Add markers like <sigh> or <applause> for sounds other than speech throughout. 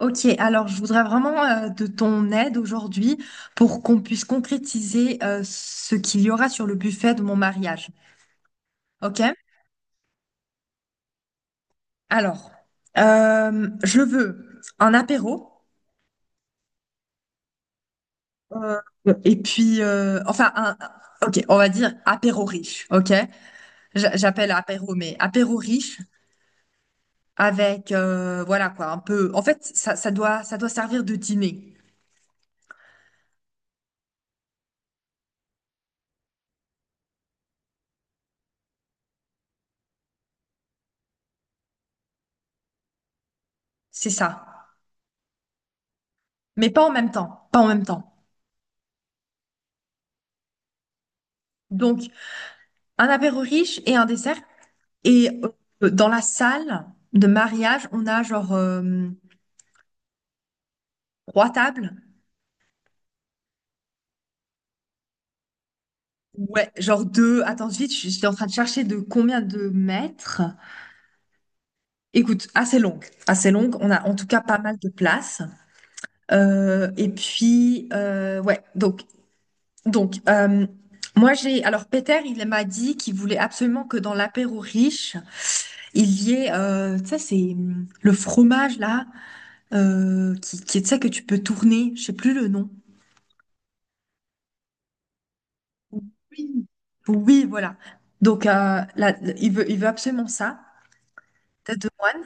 Ok, alors je voudrais vraiment de ton aide aujourd'hui pour qu'on puisse concrétiser ce qu'il y aura sur le buffet de mon mariage. Ok? Alors, je veux un apéro euh, et puis, enfin, un, ok, on va dire apéro riche. Ok? J'appelle apéro, mais apéro riche avec, voilà quoi, un peu. En fait, ça doit servir de dîner. C'est ça. Mais pas en même temps. Pas en même temps. Donc, un apéro riche et un dessert. Et dans la salle de mariage, on a genre trois tables. Ouais, genre deux. Attends, vite, je suis en train de chercher de combien de mètres. Écoute, assez longue, assez longue. On a en tout cas pas mal de place. Et puis, ouais, donc moi j'ai. Alors, Peter, il m'a dit qu'il voulait absolument que dans l'apéro riche, il y ait, tu sais, c'est le fromage là, euh, qui, tu sais, que tu peux tourner. Je sais plus le nom. Oui, voilà. Donc, là, il veut absolument ça, tête de moine.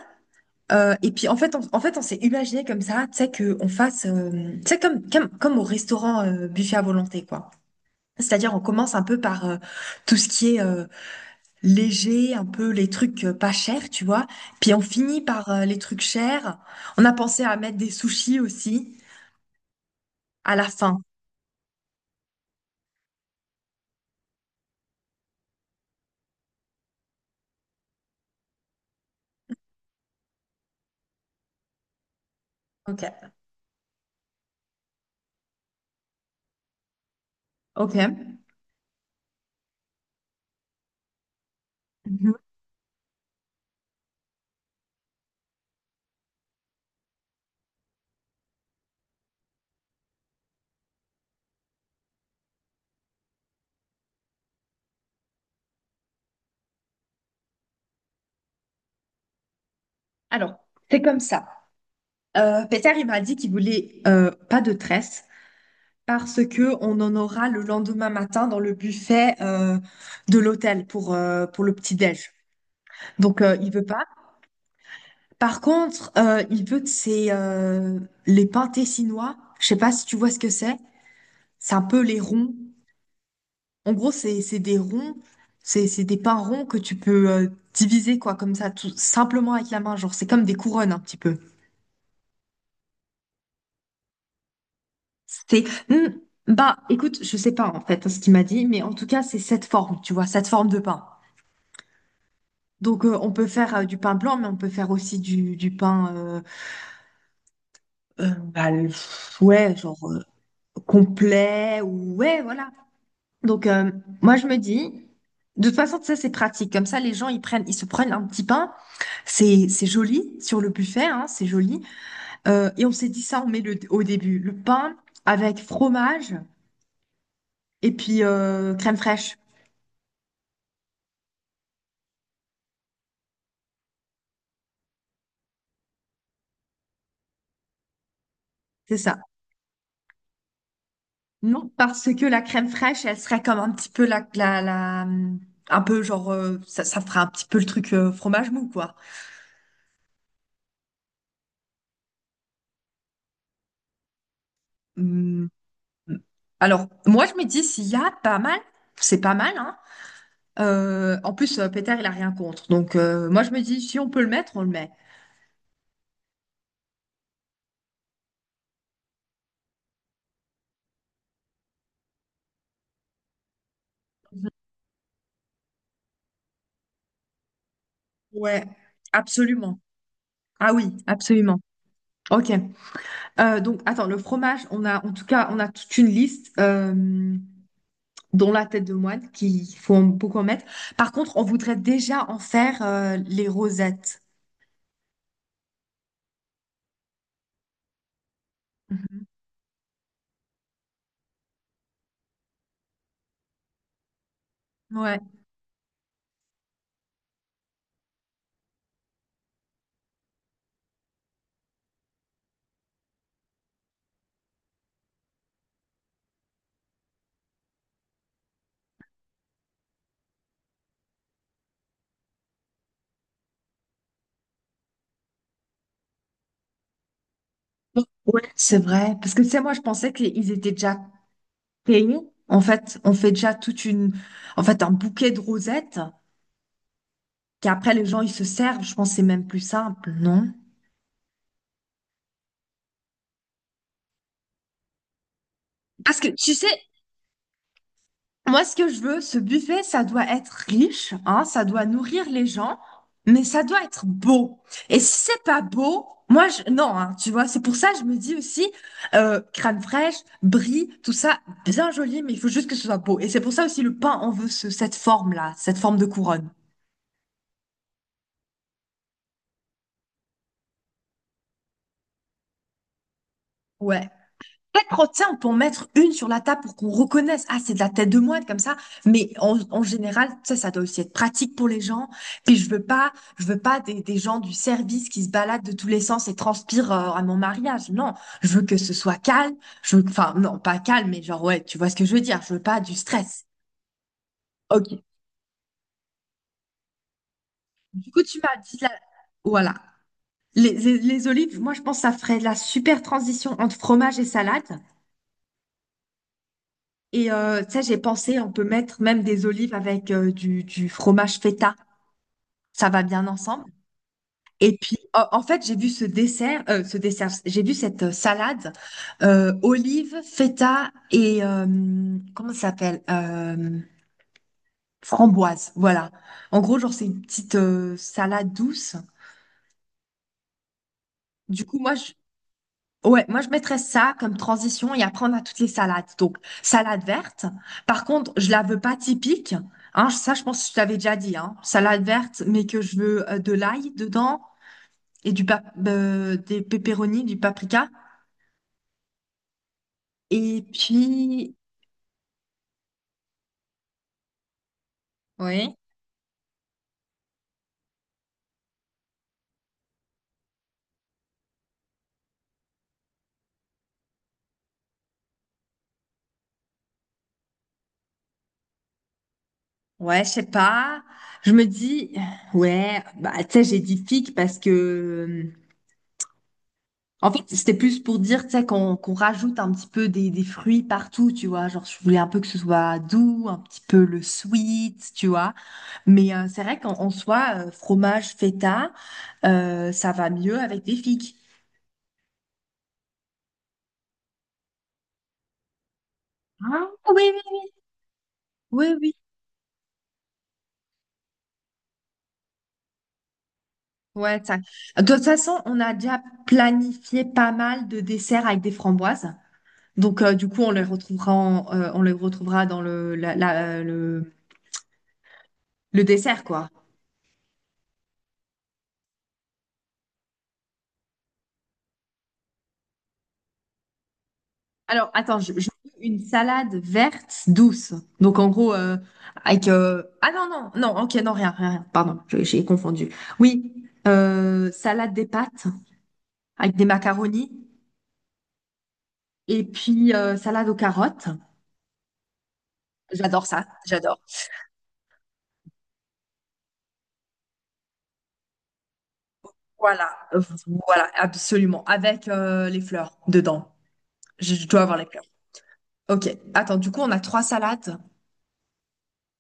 Et puis, en fait, on s'est imaginé comme ça, tu sais, qu'on fasse, tu sais, comme au restaurant buffet à volonté, quoi. C'est-à-dire, on commence un peu par tout ce qui est léger, un peu les trucs pas chers, tu vois. Puis, on finit par les trucs chers. On a pensé à mettre des sushis aussi à la fin. Ok, ok. Mhm. Alors, c'est comme ça. Peter, il m'a dit qu'il voulait pas de tresse, parce que on en aura le lendemain matin dans le buffet de l'hôtel pour le petit-déj. Donc, il veut pas. Par contre, il veut de ces, les pains tessinois. Je sais pas si tu vois ce que c'est. C'est un peu les ronds. En gros, c'est des ronds. C'est des pains ronds que tu peux diviser, quoi, comme ça, tout simplement avec la main. Genre, c'est comme des couronnes, un petit peu. C'est... Hmm, bah, écoute, je sais pas, en fait, hein, ce qu'il m'a dit, mais en tout cas, c'est cette forme, tu vois, cette forme de pain. Donc, on peut faire du pain blanc, mais on peut faire aussi du pain, ouais, genre complet, ou ouais, voilà. Donc, moi, je me dis, de toute façon, ça, c'est pratique. Comme ça, les gens, ils se prennent un petit pain. C'est joli sur le buffet, hein, c'est joli. Et on s'est dit ça, on met le, au début, le pain avec fromage et puis crème fraîche. C'est ça. Non, parce que la crème fraîche, elle serait comme un petit peu un peu genre, ça ferait un petit peu le truc fromage mou, quoi. Hum, Alors, moi, je me dis, s'il y a pas mal, c'est pas mal, hein. En plus, Peter, il a rien contre. Donc, moi, je me dis, si on peut le mettre, on le met. Ouais, absolument. Ah oui, absolument. Ok. Donc, attends, le fromage, on a, en tout cas, on a toute une liste. Dans la tête de moine, beaucoup en mettre. Par contre, on voudrait déjà en faire les rosettes. Mhm. Ouais, c'est vrai. Parce que tu sais, moi, je pensais qu'ils étaient déjà payés. En fait, on fait déjà toute une, en fait, un bouquet de rosettes qu'après les gens ils se servent. Je pense que c'est même plus simple, non? Parce que tu sais, moi, ce que je veux, ce buffet, ça doit être riche, hein, ça doit nourrir les gens, mais ça doit être beau. Et si c'est pas beau, moi, je, non, hein, tu vois, c'est pour ça que je me dis aussi, crème fraîche, brie, tout ça, bien joli, mais il faut juste que ce soit beau. Et c'est pour ça aussi le pain, on veut cette forme-là, cette forme de couronne. Ouais. Chaque crottin, on peut en mettre une sur la table pour qu'on reconnaisse, ah, c'est de la tête de moine comme ça. Mais en général, ça doit aussi être pratique pour les gens. Puis je veux pas, Je veux pas des, des gens du service qui se baladent de tous les sens et transpirent à mon mariage. Non, je veux que ce soit calme. Je veux, enfin, non, pas calme, mais genre, ouais, tu vois ce que je veux dire. Je veux pas du stress. Ok. Du coup, tu m'as dit la- voilà. Les olives, moi, je pense que ça ferait de la super transition entre fromage et salade. Et tu j'ai pensé, on peut mettre même des olives avec euh, du fromage feta. Ça va bien ensemble. Et puis, en fait, j'ai vu ce dessert, j'ai vu cette salade olive, feta et comment ça s'appelle? Framboise. Voilà. En gros, genre, c'est une petite salade douce. Du coup, moi, je, Ouais, moi je mettrais ça comme transition et après on a toutes les salades. Donc, salade verte. Par contre, je la veux pas typique. Hein, ça, je pense que je t'avais déjà dit. Hein. Salade verte, mais que je veux de l'ail dedans et du pap des pépéronis, du paprika. Et puis, oui, ouais, je sais pas. Je me dis, ouais, bah tu sais, j'ai dit figue parce que en fait, c'était plus pour dire, tu sais, qu'on rajoute un petit peu des fruits partout, tu vois. Genre, je voulais un peu que ce soit doux, un petit peu le sweet, tu vois. Mais c'est vrai qu'en soi, fromage, feta, ça va mieux avec des figues. Ah, oui, oui, oui, oui. Ouais, ça. De toute façon, on a déjà planifié pas mal de desserts avec des framboises. Donc, du coup, on les retrouvera dans le, la- la- le dessert, quoi. Alors, attends, je veux une salade verte douce. Donc, en gros, avec... Ah non, non, non, ok, non, rien, rien, rien. Pardon, j'ai confondu. Oui, salade des pâtes avec des macaronis et puis salade aux carottes. J'adore ça, j'adore. Voilà, voilà, absolument. Avec les fleurs dedans. Je dois avoir les fleurs. Ok, attends, du coup, on a trois salades.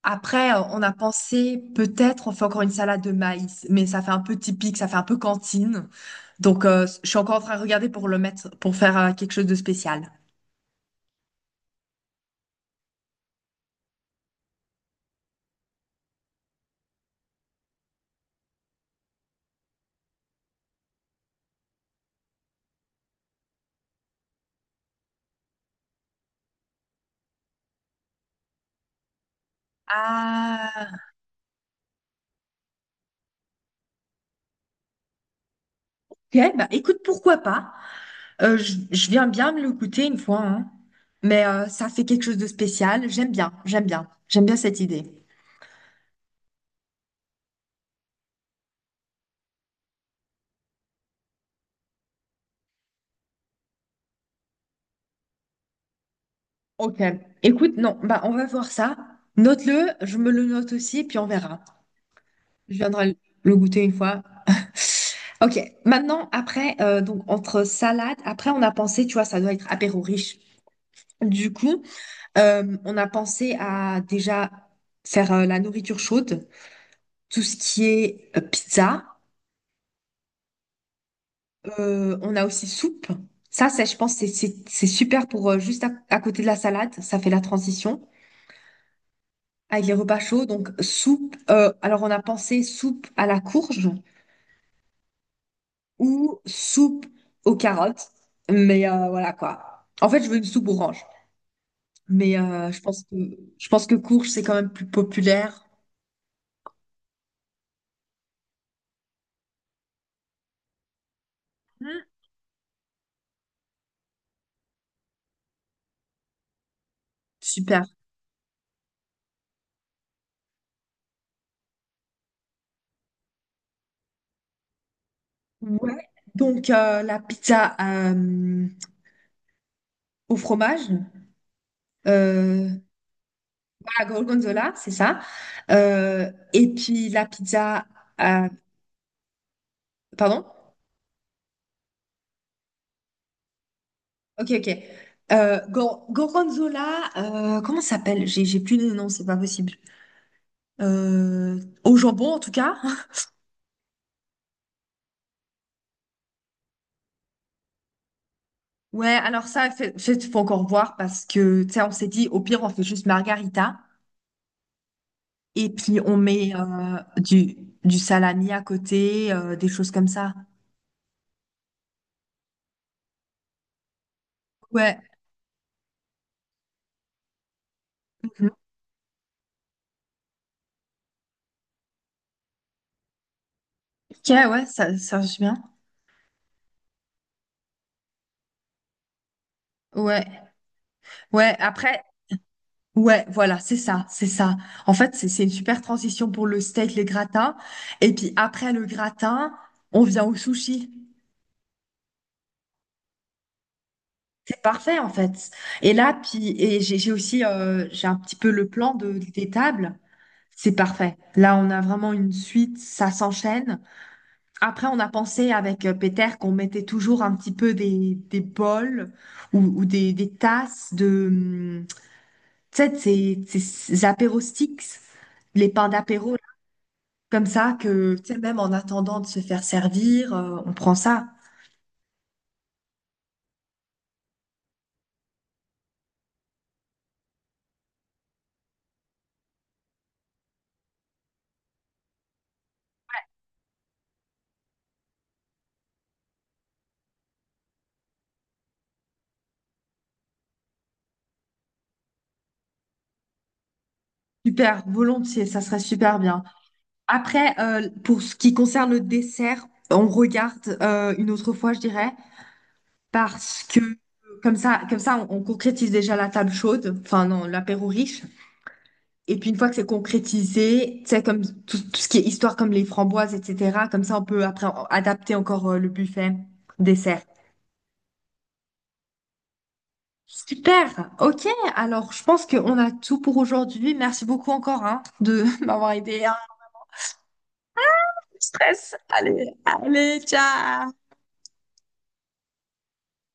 Après, on a pensé peut-être on fait encore une salade de maïs, mais ça fait un peu typique, ça fait un peu cantine. Donc, je suis encore en train de regarder pour le mettre, pour faire quelque chose de spécial. Ah, ok, bah écoute, pourquoi pas? Je viens bien me le goûter une fois, hein. Mais ça fait quelque chose de spécial. J'aime bien cette idée. Ok. Écoute, non, bah on va voir ça. Note-le, je me le note aussi, puis on verra. Je viendrai le goûter une fois. <laughs> Ok. Maintenant, après, donc entre salade, après on a pensé, tu vois, ça doit être apéro riche. Du coup, on a pensé à déjà faire la nourriture chaude, tout ce qui est pizza. On a aussi soupe. Ça, je pense, c'est super pour à côté de la salade. Ça fait la transition avec les repas chauds. Donc, soupe. Euh, alors, on a pensé soupe à la courge ou soupe aux carottes. Mais voilà quoi. En fait, je veux une soupe orange. Mais je pense que courge, c'est quand même plus populaire. Mhm. Super. Ouais. Donc, la pizza au fromage, euh, à la gorgonzola, c'est ça. Et puis, à- Pardon? Ok, ok. Gorgonzola, comment ça s'appelle? J'ai plus de nom, c'est pas possible. Au jambon, en tout cas. <laughs> Ouais, alors ça, faut encore voir parce que, tu sais, on s'est dit, au pire, on fait juste margarita et puis on met du salami à côté, des choses comme ça. Ouais. Ok, ouais, ça marche bien. Ouais, ouais, après, ouais, voilà, c'est ça. En fait, c'est une super transition pour le steak, les gratins. Et puis après le gratin, on vient au sushi. C'est parfait, en fait. Et là, puis, et j'ai aussi, j'ai un petit peu le plan de, des tables. C'est parfait. Là, on a vraiment une suite, ça s'enchaîne. Après, on a pensé avec Peter qu'on mettait toujours un petit peu des bols ou des tasses. Tu sais, ces apéros sticks, les pains d'apéro, là, comme ça, que, tu sais, même en attendant de se faire servir, on prend ça. Super, volontiers, ça serait super bien. Après, pour ce qui concerne le dessert, on regarde une autre fois, je dirais, parce que comme ça, on concrétise déjà la table chaude, enfin non, l'apéro riche. Et puis une fois que c'est concrétisé, tu sais, tout ce qui est histoire comme les framboises, etc., comme ça, on peut après adapter encore le buffet dessert. Super. Ok. Alors, je pense qu'on a tout pour aujourd'hui. Merci beaucoup encore, hein, de <laughs> m'avoir stress. Allez, allez, ciao.